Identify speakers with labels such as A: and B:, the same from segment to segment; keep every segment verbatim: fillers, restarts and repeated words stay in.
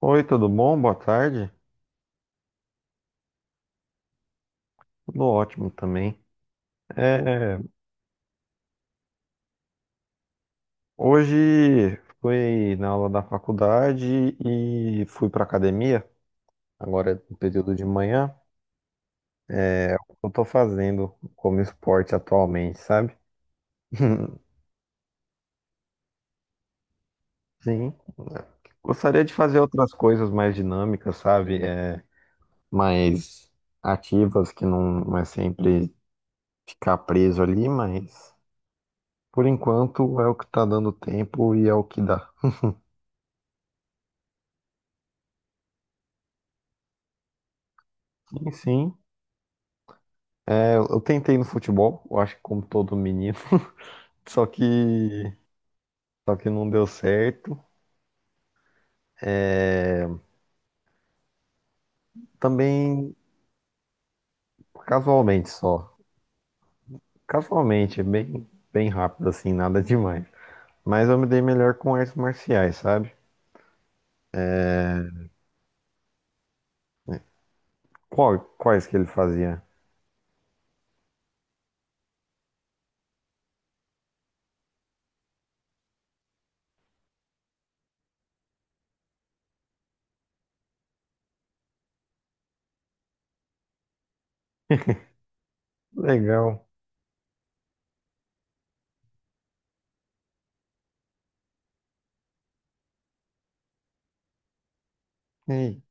A: Oi, tudo bom? Boa tarde. Tudo ótimo também. É, Hoje fui na aula da faculdade e fui para academia. Agora é no período de manhã. É, o que eu tô fazendo como esporte atualmente, sabe? Sim. Gostaria de fazer outras coisas mais dinâmicas, sabe? É, mais ativas, que não, não é sempre ficar preso ali, mas por enquanto é o que tá dando tempo e é o que dá. Sim, sim. É, eu eu tentei no futebol, eu acho que como todo menino, só que só que não deu certo. Também casualmente só. Casualmente, é bem bem rápido assim, nada demais. Mas eu me dei melhor com artes marciais, sabe? Qual, quais que ele fazia? Legal. Ei,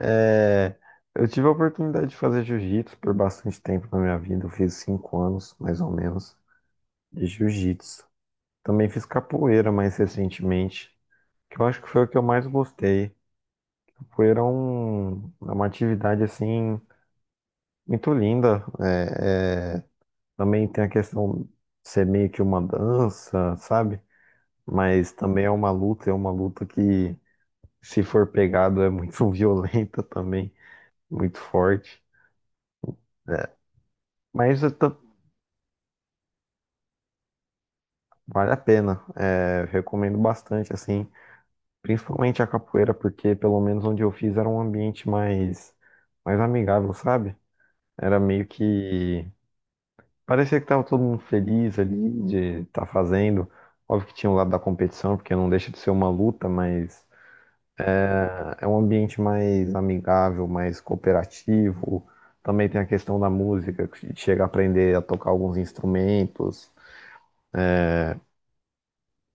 A: é, eu tive a oportunidade de fazer jiu-jitsu por bastante tempo na minha vida. Eu fiz cinco anos, mais ou menos, de jiu-jitsu. Também fiz capoeira mais recentemente, que eu acho que foi o que eu mais gostei. Capoeira é um- é uma atividade assim muito linda. É, é, também tem a questão de ser meio que uma dança, sabe? Mas também é uma luta, é uma luta que, se for pegado, é muito violenta também, muito forte. É, Mas eu tô- Vale a pena. É, recomendo bastante, assim, principalmente a capoeira, porque pelo menos onde eu fiz era um ambiente mais, mais amigável, sabe? Era meio que parecia que tava todo mundo feliz ali de estar fazendo. Óbvio que tinha o lado da competição, porque não deixa de ser uma luta, mas é é um ambiente mais amigável, mais cooperativo. Também tem a questão da música, que chega a aprender a tocar alguns instrumentos,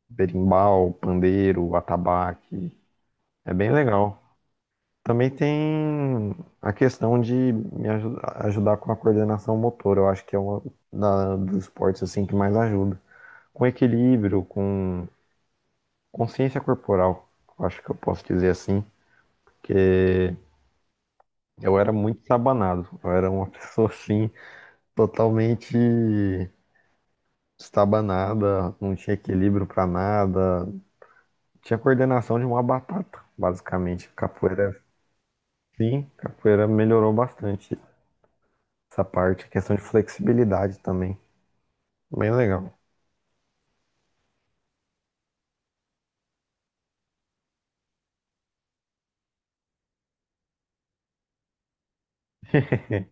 A: berimbau, pandeiro, atabaque. É bem legal. Também tem a questão de me aju- ajudar com a coordenação motora. Eu acho que é uma da- dos esportes assim que mais ajuda. Com equilíbrio, com consciência corporal, eu acho que eu posso dizer assim, que eu era muito estabanado. Eu era uma pessoa assim, totalmente estabanada, não tinha equilíbrio pra nada, tinha coordenação de uma batata, basicamente. Capoeira, sim, capoeira melhorou bastante essa parte, questão de flexibilidade também. Bem legal.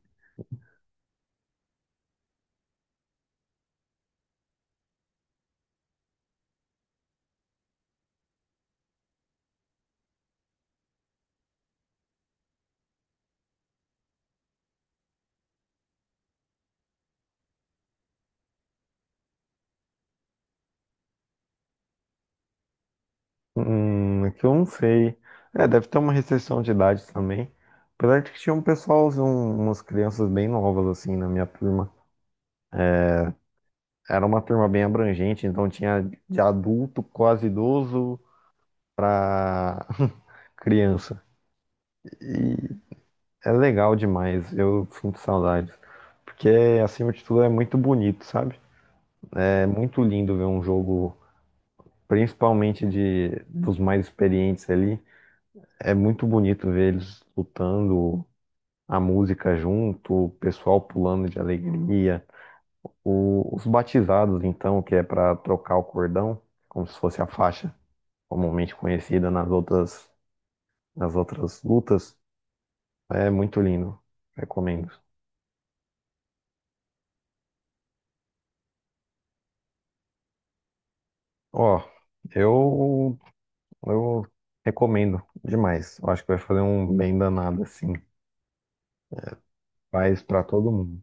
A: Hum, é que eu não sei. É, deve ter uma restrição de idade também. Apesar de que tinha um pessoal, um- umas crianças bem novas, assim, na minha turma. Era uma turma bem abrangente, então tinha de adulto, quase idoso, pra criança. E é legal demais, eu sinto saudades. Porque, acima de tudo, é muito bonito, sabe? É muito lindo ver um jogo, principalmente de dos mais experientes ali. É muito bonito ver eles lutando, a música junto, o pessoal pulando de alegria, o- os batizados, então, que é para trocar o cordão, como se fosse a faixa comumente conhecida nas outras, nas outras lutas, é muito lindo, recomendo. Ó, eu, eu recomendo demais, eu acho que vai fazer um bem danado, assim, faz para todo mundo.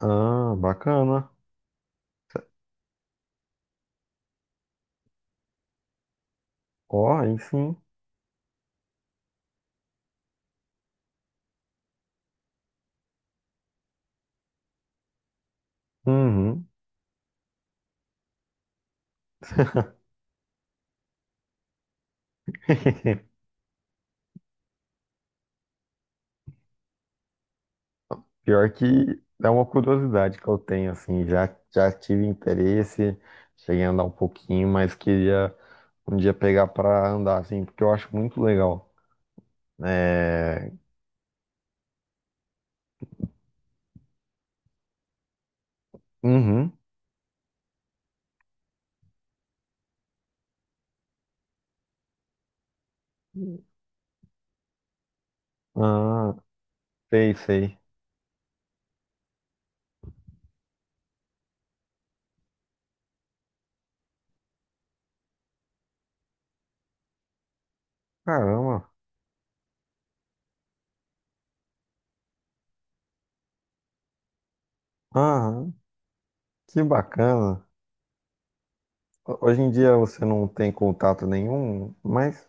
A: Ah, bacana. Ó, aí sim. Uhum. Pior que é uma curiosidade que eu tenho, assim, já, já tive interesse, cheguei a andar um pouquinho, mas queria um dia pegar pra andar, assim, porque eu acho muito legal. É... Uhum. Ah, sei, sei. Caramba. Ah, que bacana. Ho- Hoje em dia você não tem contato nenhum, mas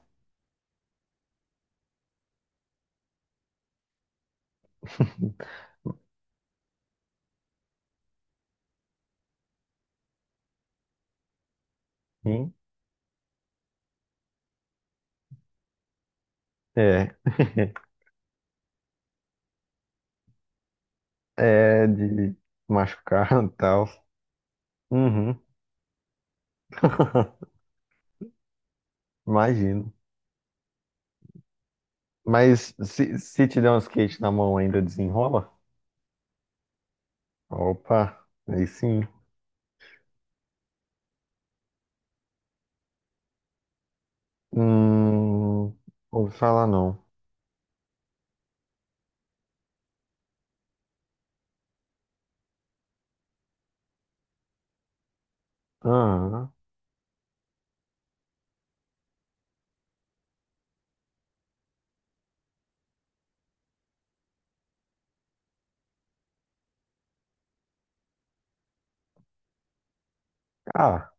A: sim, é. É de machucar e tal. Uhum. Imagino. Mas se, se te der um skate na mão, ainda desenrola? Opa, aí sim. Hum, ouvi falar não. Ah, ah,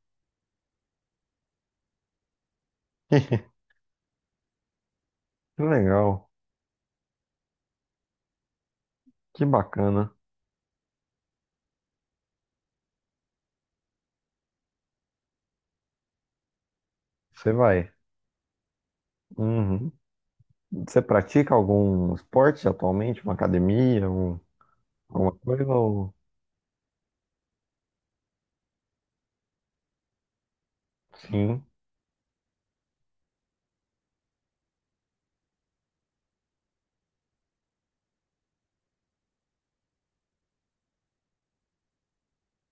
A: que legal, que bacana. Você vai. Uhum. Você pratica algum esporte atualmente? Uma academia? Um, alguma coisa? Ou... Sim.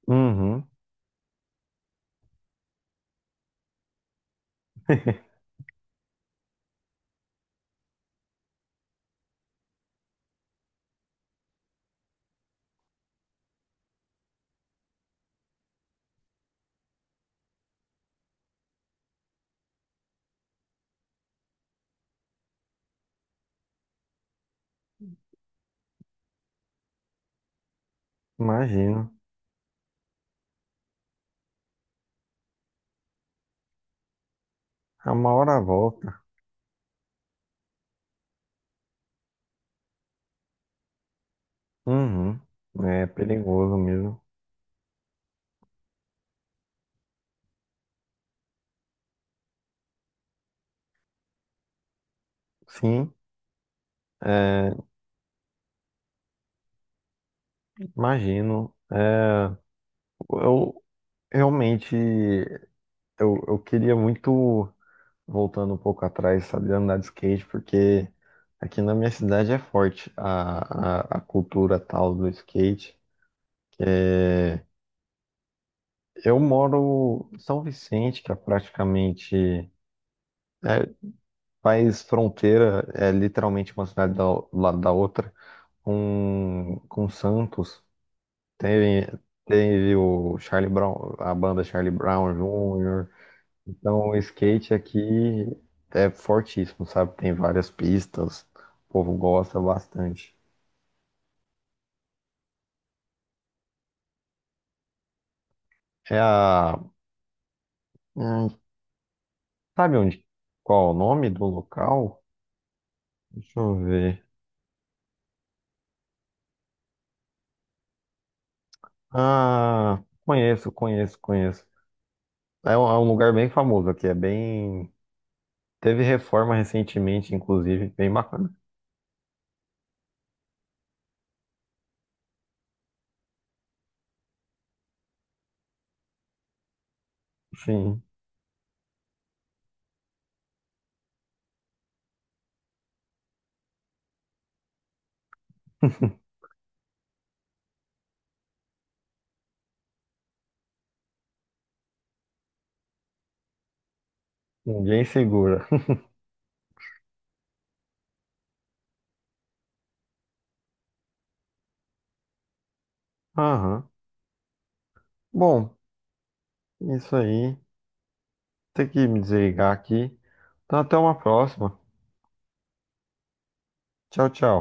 A: Uhum. Imagino. A uma hora volta. Uhum. É perigoso mesmo. Sim, é, imagino. É, eu, Realmente, eu, eu queria muito, voltando um pouco atrás, saber andar de skate, porque aqui na minha cidade é forte a, a, a cultura tal do skate. Eu moro em São Vicente, que é praticamente é, faz fronteira, é literalmente uma cidade da, do lado da outra, com, com Santos. Teve, teve o Charlie Brown, a banda Charlie Brown júnior Então, o skate aqui é fortíssimo, sabe? Tem várias pistas, o povo gosta bastante. É a. hum, Sabe onde? Qual é o nome do local? Deixa eu ver. Ah, conheço, conheço, conheço. É um, é um lugar bem famoso aqui, é bem. Teve reforma recentemente, inclusive, bem bacana. Sim, ninguém segura. Aham. Bom, isso aí. Tem que me desligar aqui. Então, até uma próxima. Tchau, tchau.